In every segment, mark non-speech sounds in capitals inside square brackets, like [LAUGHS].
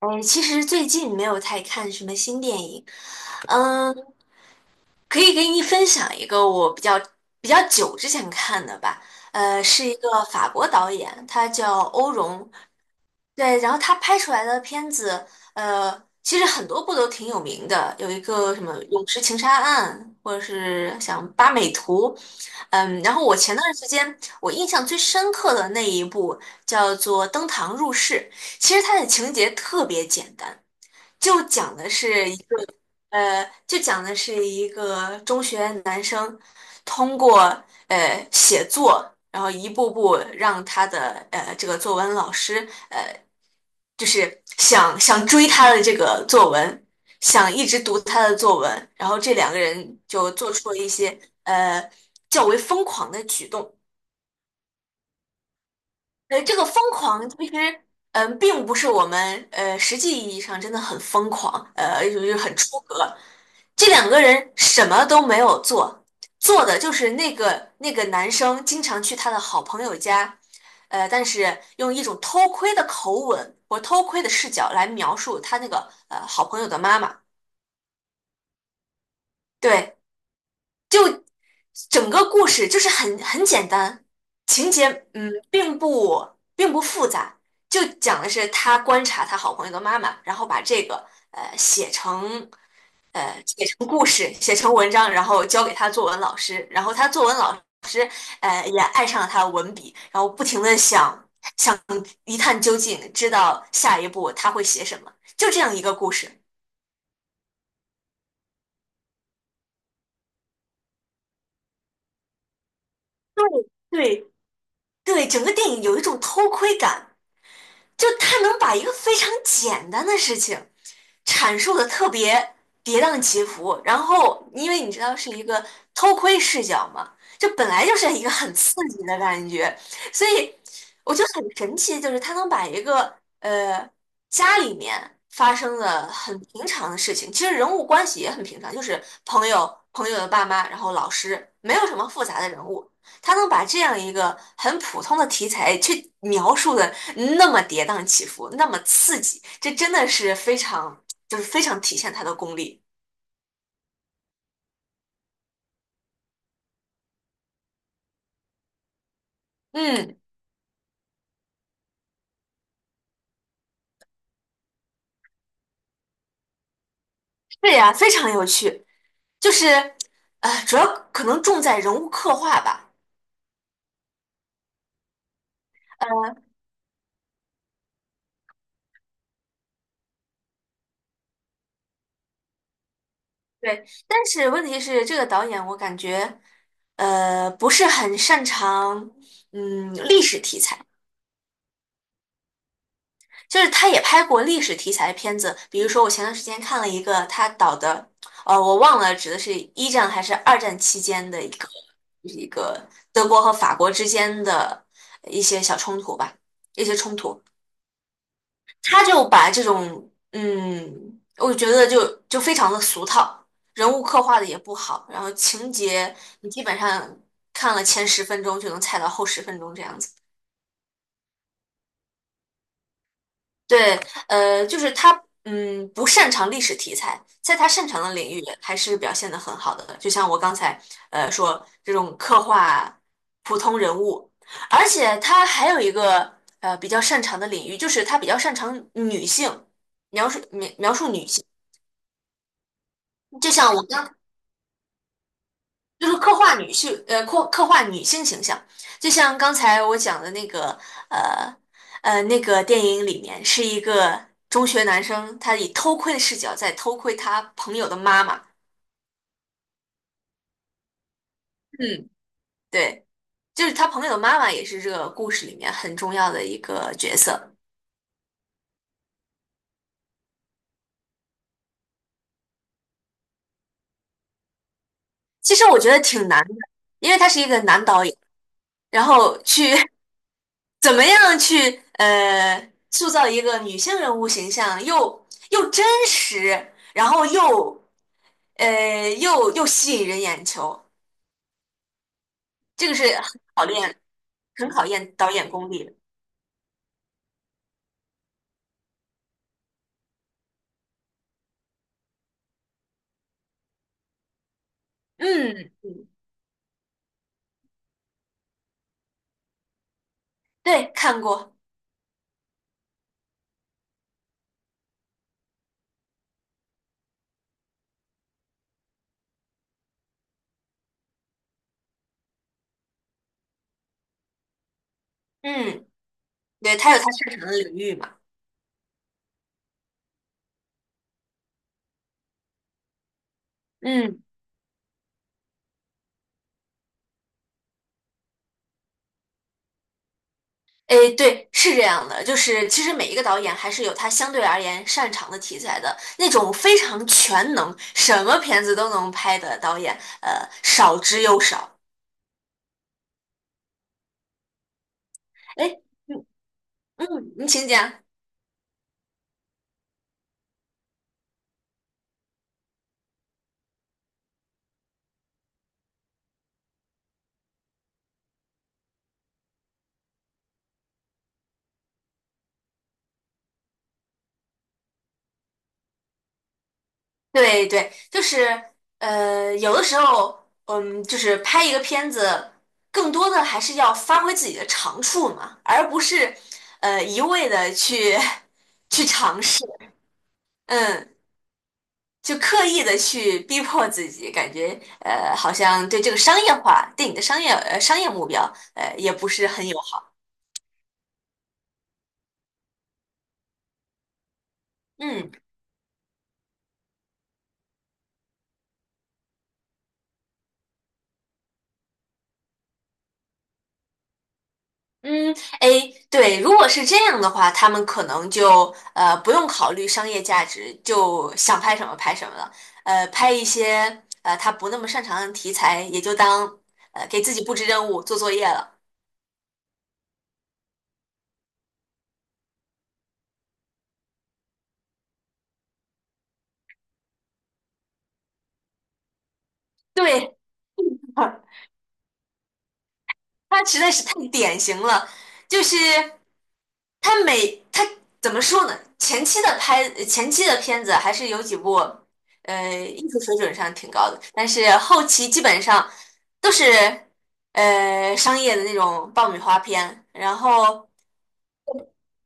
哎，其实最近没有太看什么新电影。嗯，可以给你分享一个我比较久之前看的吧。是一个法国导演，他叫欧荣。对，然后他拍出来的片子，呃，其实很多部都挺有名的，有一个什么《泳池情杀案》，或者是像《八美图》。然后我前段时间我印象最深刻的那一部叫做《登堂入室》。其实它的情节特别简单，就讲的是一个中学男生通过写作，然后一步步让他的这个作文老师就是想追他的这个作文，想一直读他的作文。然后这两个人就做出了一些呃较为疯狂的举动。这个疯狂其实，并不是我们实际意义上真的很疯狂，就是很出格。这两个人什么都没有做，做的就是那个男生经常去他的好朋友家。但是用一种偷窥的口吻或偷窥的视角来描述他那个好朋友的妈妈。对，就。整个故事就是很简单，情节嗯并不并不复杂，就讲的是他观察他好朋友的妈妈，然后把这个呃写成写成故事，写成文章，然后交给他作文老师，然后他作文老师也爱上了他的文笔，然后不停的想一探究竟，知道下一步他会写什么，就这样一个故事。对对对，整个电影有一种偷窥感。就他能把一个非常简单的事情阐述的特别跌宕起伏，然后因为你知道是一个偷窥视角嘛，就本来就是一个很刺激的感觉。所以我觉得很神奇，就是他能把一个呃家里面发生的很平常的事情，其实人物关系也很平常，就是朋友、朋友的爸妈，然后老师，没有什么复杂的人物，他能把这样一个很普通的题材去描述的那么跌宕起伏，那么刺激，这真的是非常，就是非常体现他的功力。嗯，是呀，非常有趣，就是，主要可能重在人物刻画吧。嗯，对，但是问题是，这个导演我感觉，不是很擅长，历史题材。就是他也拍过历史题材的片子，比如说我前段时间看了一个他导的，我忘了指的是一战还是二战期间的一个，就是一个德国和法国之间的一些小冲突吧，一些冲突。他就把这种，我觉得就非常的俗套，人物刻画的也不好，然后情节你基本上看了前10分钟就能猜到后10分钟这样子。对，就是他，不擅长历史题材，在他擅长的领域还是表现的很好的。就像我刚才，说这种刻画普通人物，而且他还有一个比较擅长的领域，就是他比较擅长女性描述女性。就像我就是刻画女性，刻画女性形象，就像刚才我讲的那个，呃，那个电影里面是一个中学男生，他以偷窥的视角在偷窥他朋友的妈妈。嗯，对，就是他朋友的妈妈也是这个故事里面很重要的一个角色。其实我觉得挺难的，因为他是一个男导演，然后去 [LAUGHS] 怎么样去塑造一个女性人物形象，又真实，然后又吸引人眼球，这个是很考验导演功力的。嗯嗯，对，看过，嗯，对，他有他擅长的领域嘛，嗯。诶，对，是这样的，就是其实每一个导演还是有他相对而言擅长的题材的。那种非常全能，什么片子都能拍的导演，少之又少。哎，嗯嗯，你请讲。对对，就是有的时候，就是拍一个片子，更多的还是要发挥自己的长处嘛，而不是一味的去 [LAUGHS] 去尝试。嗯，就刻意的去逼迫自己，感觉好像对这个商业化对你的商业商业目标也不是很友好。嗯。嗯，哎，对，如果是这样的话，他们可能就不用考虑商业价值，就想拍什么拍什么了。拍一些他不那么擅长的题材，也就当给自己布置任务、做作业了。对，[LAUGHS] 他实在是太典型了，就是他怎么说呢？前期的片子还是有几部，艺术水准上挺高的，但是后期基本上都是商业的那种爆米花片，然后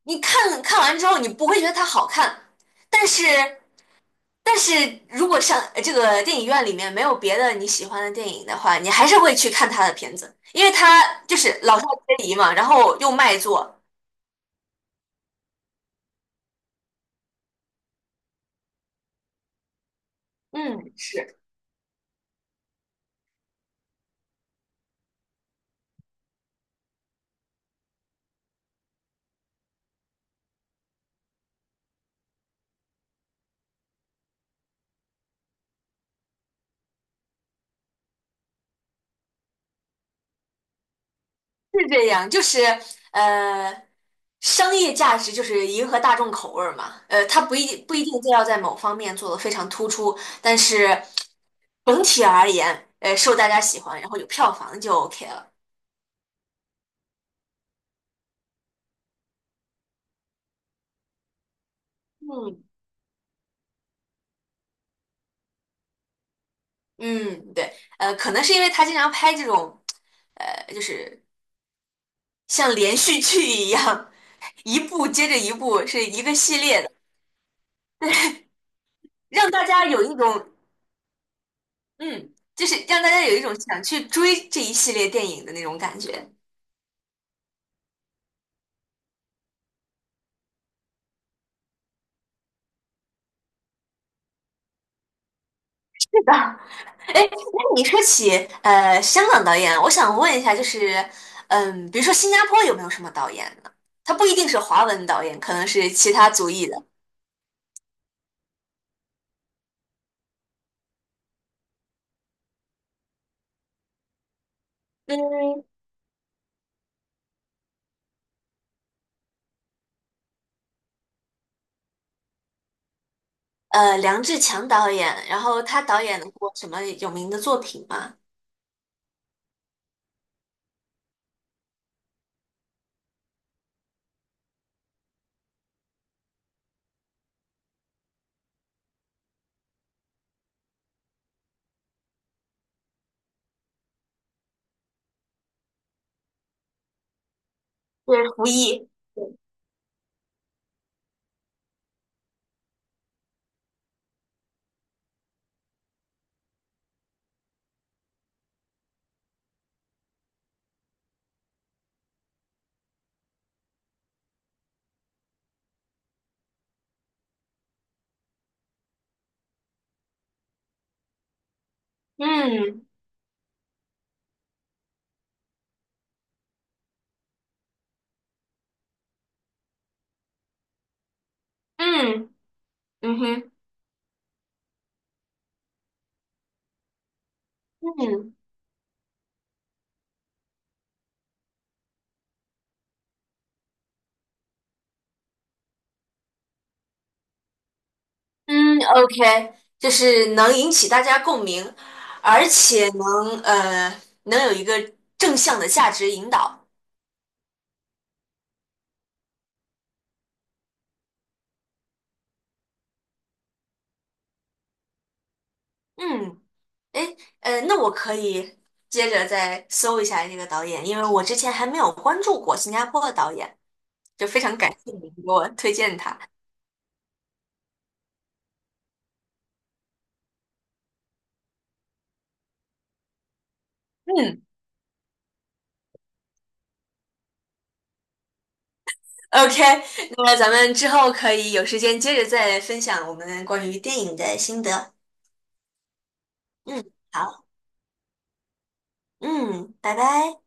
你看完之后，你不会觉得它好看。但是。但是如果像这个电影院里面没有别的你喜欢的电影的话，你还是会去看他的片子，因为他就是老少皆宜嘛，然后又卖座。嗯，是这样，就是呃，商业价值就是迎合大众口味儿嘛。他不一定就要在某方面做得非常突出，但是整体而言，受大家喜欢，然后有票房就 OK 了。嗯嗯，对，可能是因为他经常拍这种，呃，就是像连续剧一样，一部接着一部，是一个系列的，让大家有一种嗯，就是让大家有一种想去追这一系列电影的那种感觉。是的，哎，那你说起香港导演，我想问一下，就是比如说新加坡有没有什么导演呢？他不一定是华文导演，可能是其他族裔的。嗯，梁志强导演，然后他导演过什么有名的作品吗？对，胡一。嗯嗯嗯哼。嗯嗯，OK，就是能引起大家共鸣，而且能有一个正向的价值引导。嗯，诶，那我可以接着再搜一下这个导演，因为我之前还没有关注过新加坡的导演，就非常感谢你给我推荐他。嗯，OK，那么咱们之后可以有时间接着再分享我们关于电影的心得。嗯，好，嗯，拜拜。